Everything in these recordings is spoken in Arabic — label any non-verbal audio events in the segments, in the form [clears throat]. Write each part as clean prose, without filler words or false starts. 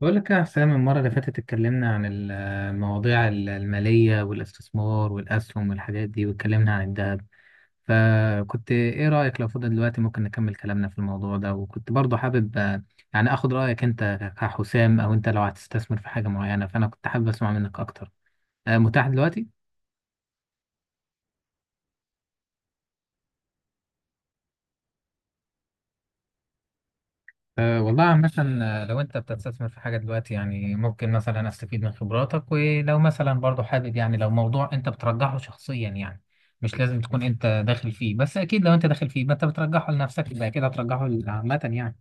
بقول لك يا حسام، المرة اللي فاتت اتكلمنا عن المواضيع المالية والاستثمار والأسهم والحاجات دي، واتكلمنا عن الذهب. فكنت إيه رأيك لو فضل دلوقتي ممكن نكمل كلامنا في الموضوع ده؟ وكنت برضو حابب يعني أخد رأيك أنت كحسام، أو أنت لو هتستثمر في حاجة معينة فأنا كنت حابب أسمع منك أكتر. متاح دلوقتي؟ أه، والله عامة. لو أنت بتستثمر في حاجة دلوقتي يعني ممكن مثلا أستفيد من خبراتك، ولو مثلا برضو حابب، يعني لو موضوع أنت بترجحه شخصيا، يعني مش لازم تكون أنت داخل فيه، بس أكيد لو أنت داخل فيه ما أنت بترجحه لنفسك يبقى كده هترجحه عامة يعني.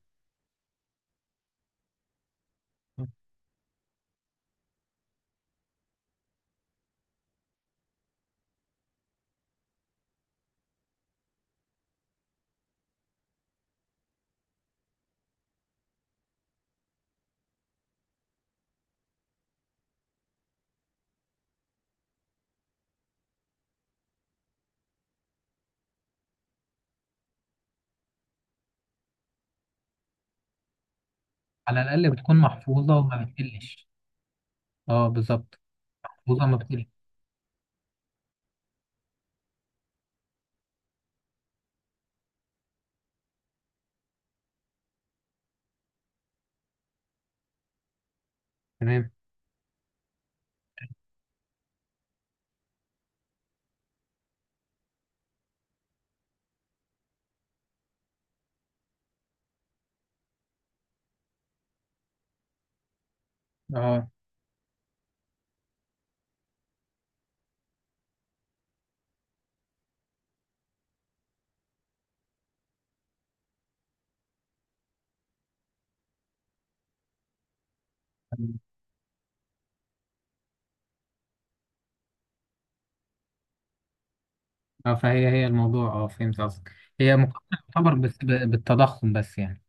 على الأقل بتكون محفوظة وما بتقلش. أه، بالظبط. محفوظة ما بتقلش. تمام. أه، أه. فهي هي الموضوع. أه، فهمت قصدك. هي مقارنة تعتبر بالتضخم بس يعني.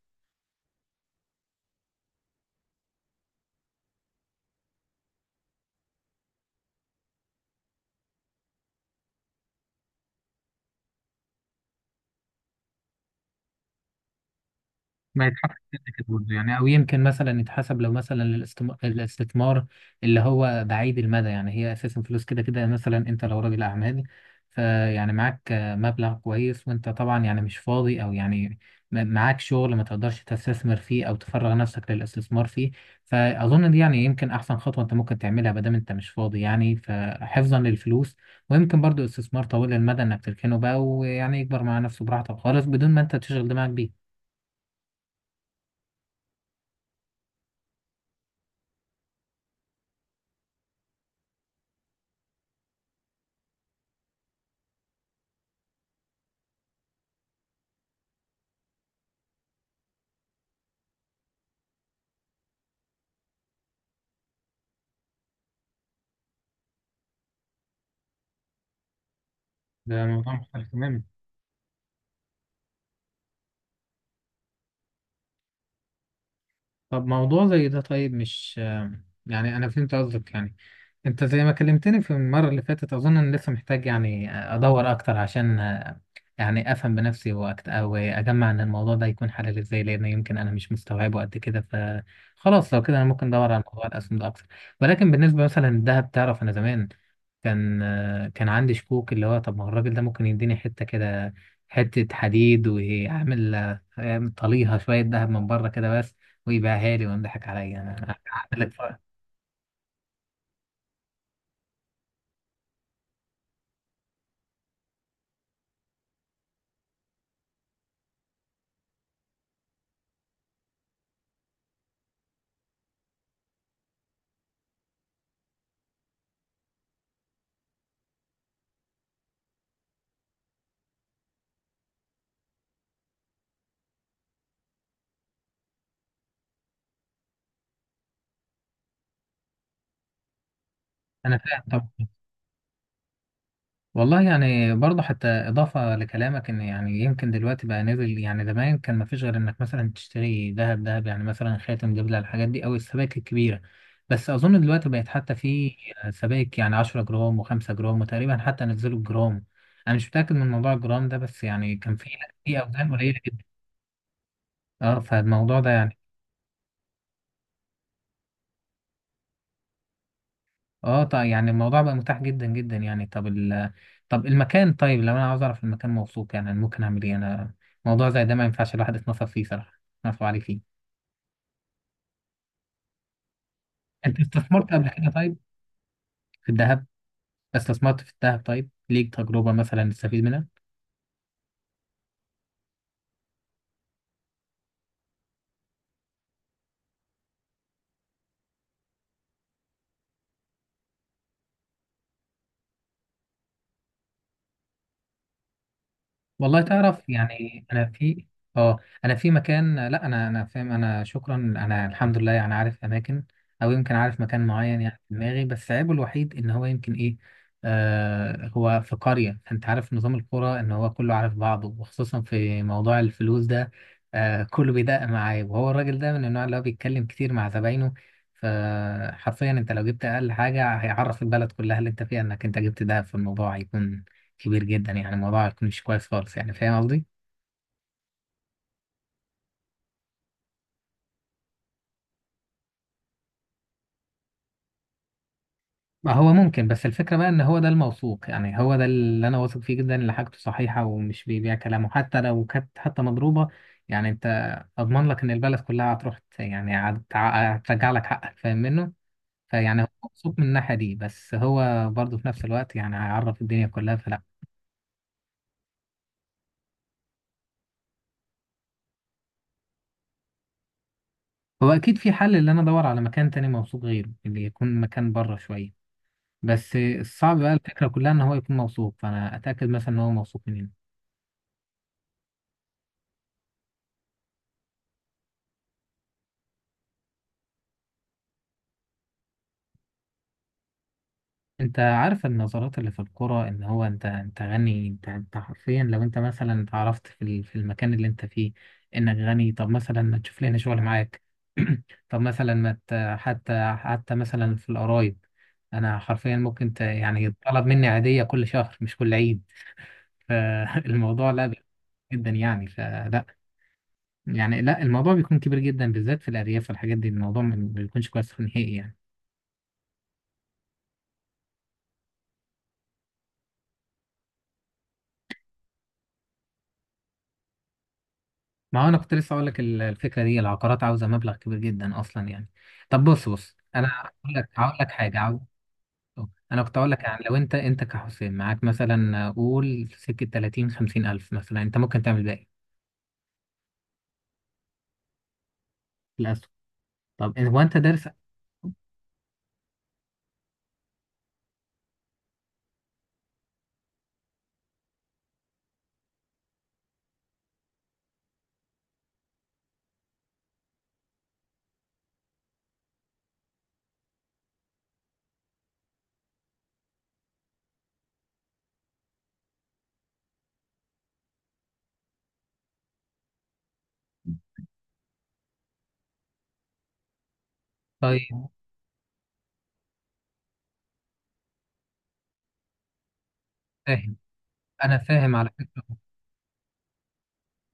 ما يتحسب كده كده برضه يعني، او يمكن مثلا يتحسب لو مثلا الاستثمار اللي هو بعيد المدى. يعني هي اساسا فلوس كده كده، مثلا انت لو راجل اعمال فيعني معاك مبلغ كويس، وانت طبعا يعني مش فاضي، او يعني معاك شغل ما تقدرش تستثمر فيه او تفرغ نفسك للاستثمار فيه. فاظن دي يعني يمكن احسن خطوة انت ممكن تعملها ما دام انت مش فاضي يعني، فحفظا للفلوس، ويمكن برضو استثمار طويل المدى، انك تركنه بقى ويعني يكبر مع نفسه براحتك خالص بدون ما انت تشغل دماغك بيه. ده موضوع مختلف تماما. طب موضوع زي ده طيب مش يعني، أنا فهمت قصدك يعني. أنت زي ما كلمتني في المرة اللي فاتت أظن أنا لسه محتاج يعني أدور أكتر عشان يعني أفهم بنفسي، أو أجمع إن الموضوع ده يكون حلال إزاي، لأن يمكن أنا مش مستوعبه قد كده. فخلاص لو كده أنا ممكن أدور على موضوع الأسهم ده أكتر. ولكن بالنسبة مثلا للذهب، تعرف أنا زمان كان عندي شكوك، اللي هو طب ما هو الراجل ده ممكن يديني حتة كده، حتة حديد ويعمل آه، يعمل طليها شوية ذهب من بره كده بس، ويبيعها لي ويضحك عليا أنا. أنا فاهم طبعا. والله يعني برضه، حتى إضافة لكلامك، إن يعني يمكن دلوقتي بقى نزل. يعني زمان كان مفيش غير إنك مثلا تشتري ذهب ذهب، يعني مثلا خاتم، دبلة، الحاجات دي أو السبائك الكبيرة. بس أظن دلوقتي بقت حتى في سبائك يعني 10 جرام وخمسة جرام، وتقريبا حتى نزلوا الجرام. أنا مش متأكد من موضوع الجرام ده، بس يعني كان في أوزان قليلة جدا. أه، فالموضوع ده يعني. اه طيب، يعني الموضوع بقى متاح جدا جدا يعني. طب المكان. طيب لو انا عاوز اعرف المكان موثوق، يعني أنا ممكن اعمل ايه؟ انا موضوع زي ده ما ينفعش الواحد يتنصف فيه صراحه، يتنصف عليه فيه. انت استثمرت قبل كده طيب؟ في الذهب؟ استثمرت في الذهب طيب، ليك تجربه مثلا تستفيد منها؟ والله تعرف، يعني اه انا في مكان، لا انا فاهم، انا شكرا، انا الحمد لله يعني عارف اماكن، او يمكن عارف مكان معين يعني في دماغي، بس عيبه الوحيد ان هو يمكن ايه، هو في قرية، فانت عارف نظام القرى ان هو كله عارف بعضه، وخصوصا في موضوع الفلوس ده. كله بيدق معاه، وهو الراجل ده من النوع اللي هو بيتكلم كتير مع زباينه، فحرفيا انت لو جبت اقل حاجة هيعرف البلد كلها اللي انت فيها انك انت جبت ده، في الموضوع هيكون كبير جدا، يعني الموضوع هيكون مش كويس خالص يعني. فاهم قصدي؟ ما هو ممكن، بس الفكرة بقى إن هو ده الموثوق، يعني هو ده اللي أنا واثق فيه جدا إن حاجته صحيحة ومش بيبيع كلامه حتى لو كانت حتى مضروبة. يعني أنت أضمن لك إن البلد كلها هتروح يعني هترجع لك حقك. فاهم منه؟ فيعني هو مبسوط من الناحية دي، بس هو برضه في نفس الوقت يعني هيعرف الدنيا كلها، فلا. هو أكيد في حل إن أنا أدور على مكان تاني موثوق غيره، اللي يكون مكان بره شوية. بس الصعب بقى الفكرة كلها إن هو يكون موثوق، فأنا أتأكد مثلا إن هو موثوق مني. انت عارف النظرات اللي في الكرة، ان هو انت انت غني، انت انت حرفيا لو انت مثلا اتعرفت في في المكان اللي انت فيه انك غني، طب مثلا ما تشوف لنا شغل معاك. [clears throat] طب مثلا ما ت- حتى مثلا في القرايب انا حرفيا ممكن يعني طلب مني عادية كل شهر مش كل عيد. [laughs] فالموضوع لا جدا يعني، فلا. يعني لا الموضوع بيكون كبير جدا بالذات في الارياف والحاجات دي، الموضوع ما بيكونش كويس نهائي يعني. ما هو انا كنت لسه اقول لك الفكره دي، العقارات عاوزه مبلغ كبير جدا اصلا يعني. طب بص بص انا هقول لك حاجه، عاوز انا كنت اقول لك يعني لو انت كحسين معاك مثلا قول سكه 30 50 الف مثلا، انت ممكن تعمل باقي في الاسهم. طب هو انت دارس؟ طيب فاهم. انا فاهم على فكره.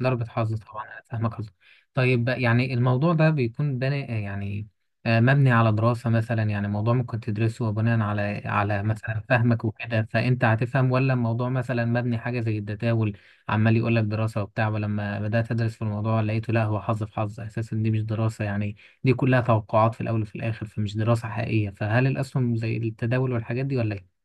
ضربة حظ طبعا، أنا فاهمك قصدك. طيب يعني الموضوع ده بيكون بني يعني، مبني على دراسة مثلا، يعني موضوع ممكن تدرسه بناء على مثلا فهمك وكده فأنت هتفهم، ولا الموضوع مثلا مبني حاجة زي التداول، عمال يقول لك دراسة وبتاع، ولما بدأت أدرس في الموضوع لقيته لا هو حظ في حظ أساسا، دي مش دراسة يعني، دي كلها توقعات في الأول وفي الآخر، فمش دراسة حقيقية. فهل الأسهم زي التداول والحاجات دي ولا إيه؟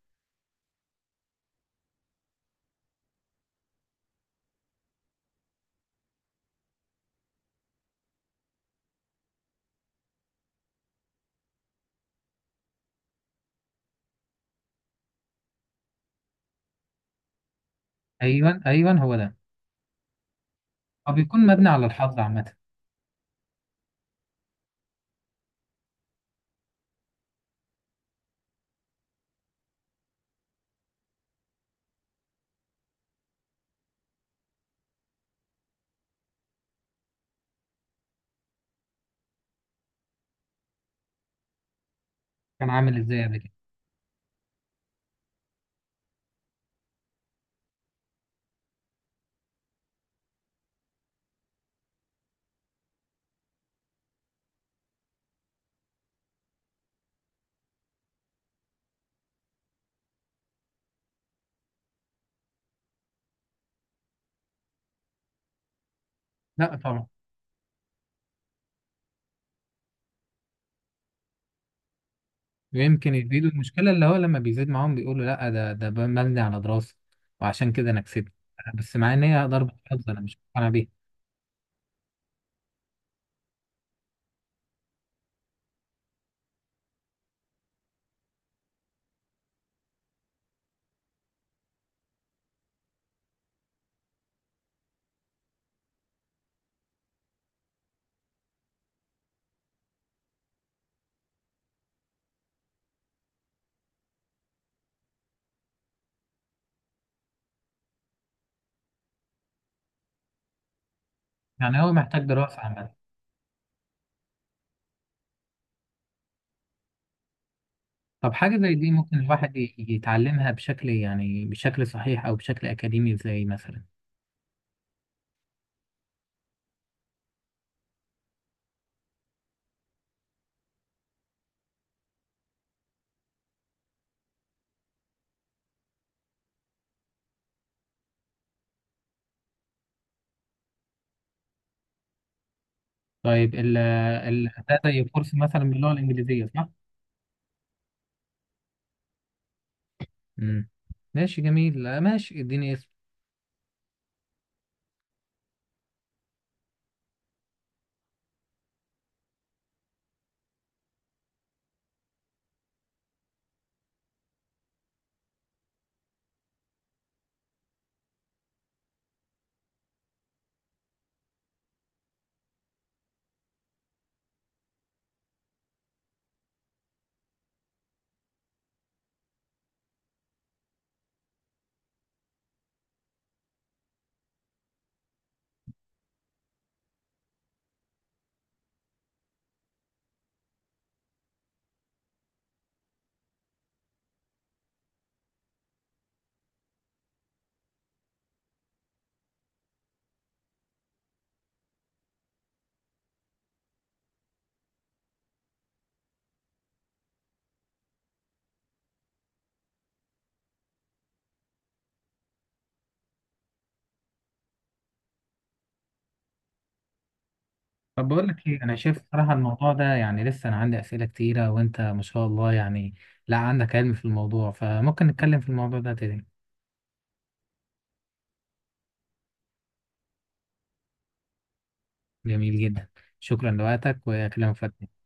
أيوه أيوه، هو ده. هو بيكون مبني على الحظ عامة. كان عامل إزاي قبل كده؟ لا طبعا. ويمكن يزيدوا، المشكلة اللي هو لما بيزيد معاهم بيقولوا لا، ده مبني على دراسة وعشان كده أنا كسبت، بس مع إن هي ضربة حظ أنا مش مقتنع بيها. يعني هو محتاج دراسة عملية. طب حاجة زي دي ممكن الواحد يتعلمها بشكل يعني بشكل صحيح أو بشكل أكاديمي إزاي مثلا؟ طيب ال ده زي كورس مثلا باللغة الإنجليزية، صح؟ مم. ماشي جميل. لا، ماشي اديني. طب بقول لك ايه، انا شايف صراحة الموضوع ده يعني لسه انا عندي اسئلة كتيرة، وانت ما شاء الله يعني لا عندك علم في الموضوع، فممكن نتكلم في الموضوع ده تاني. جميل جدا. شكرا لوقتك وكلام فتح.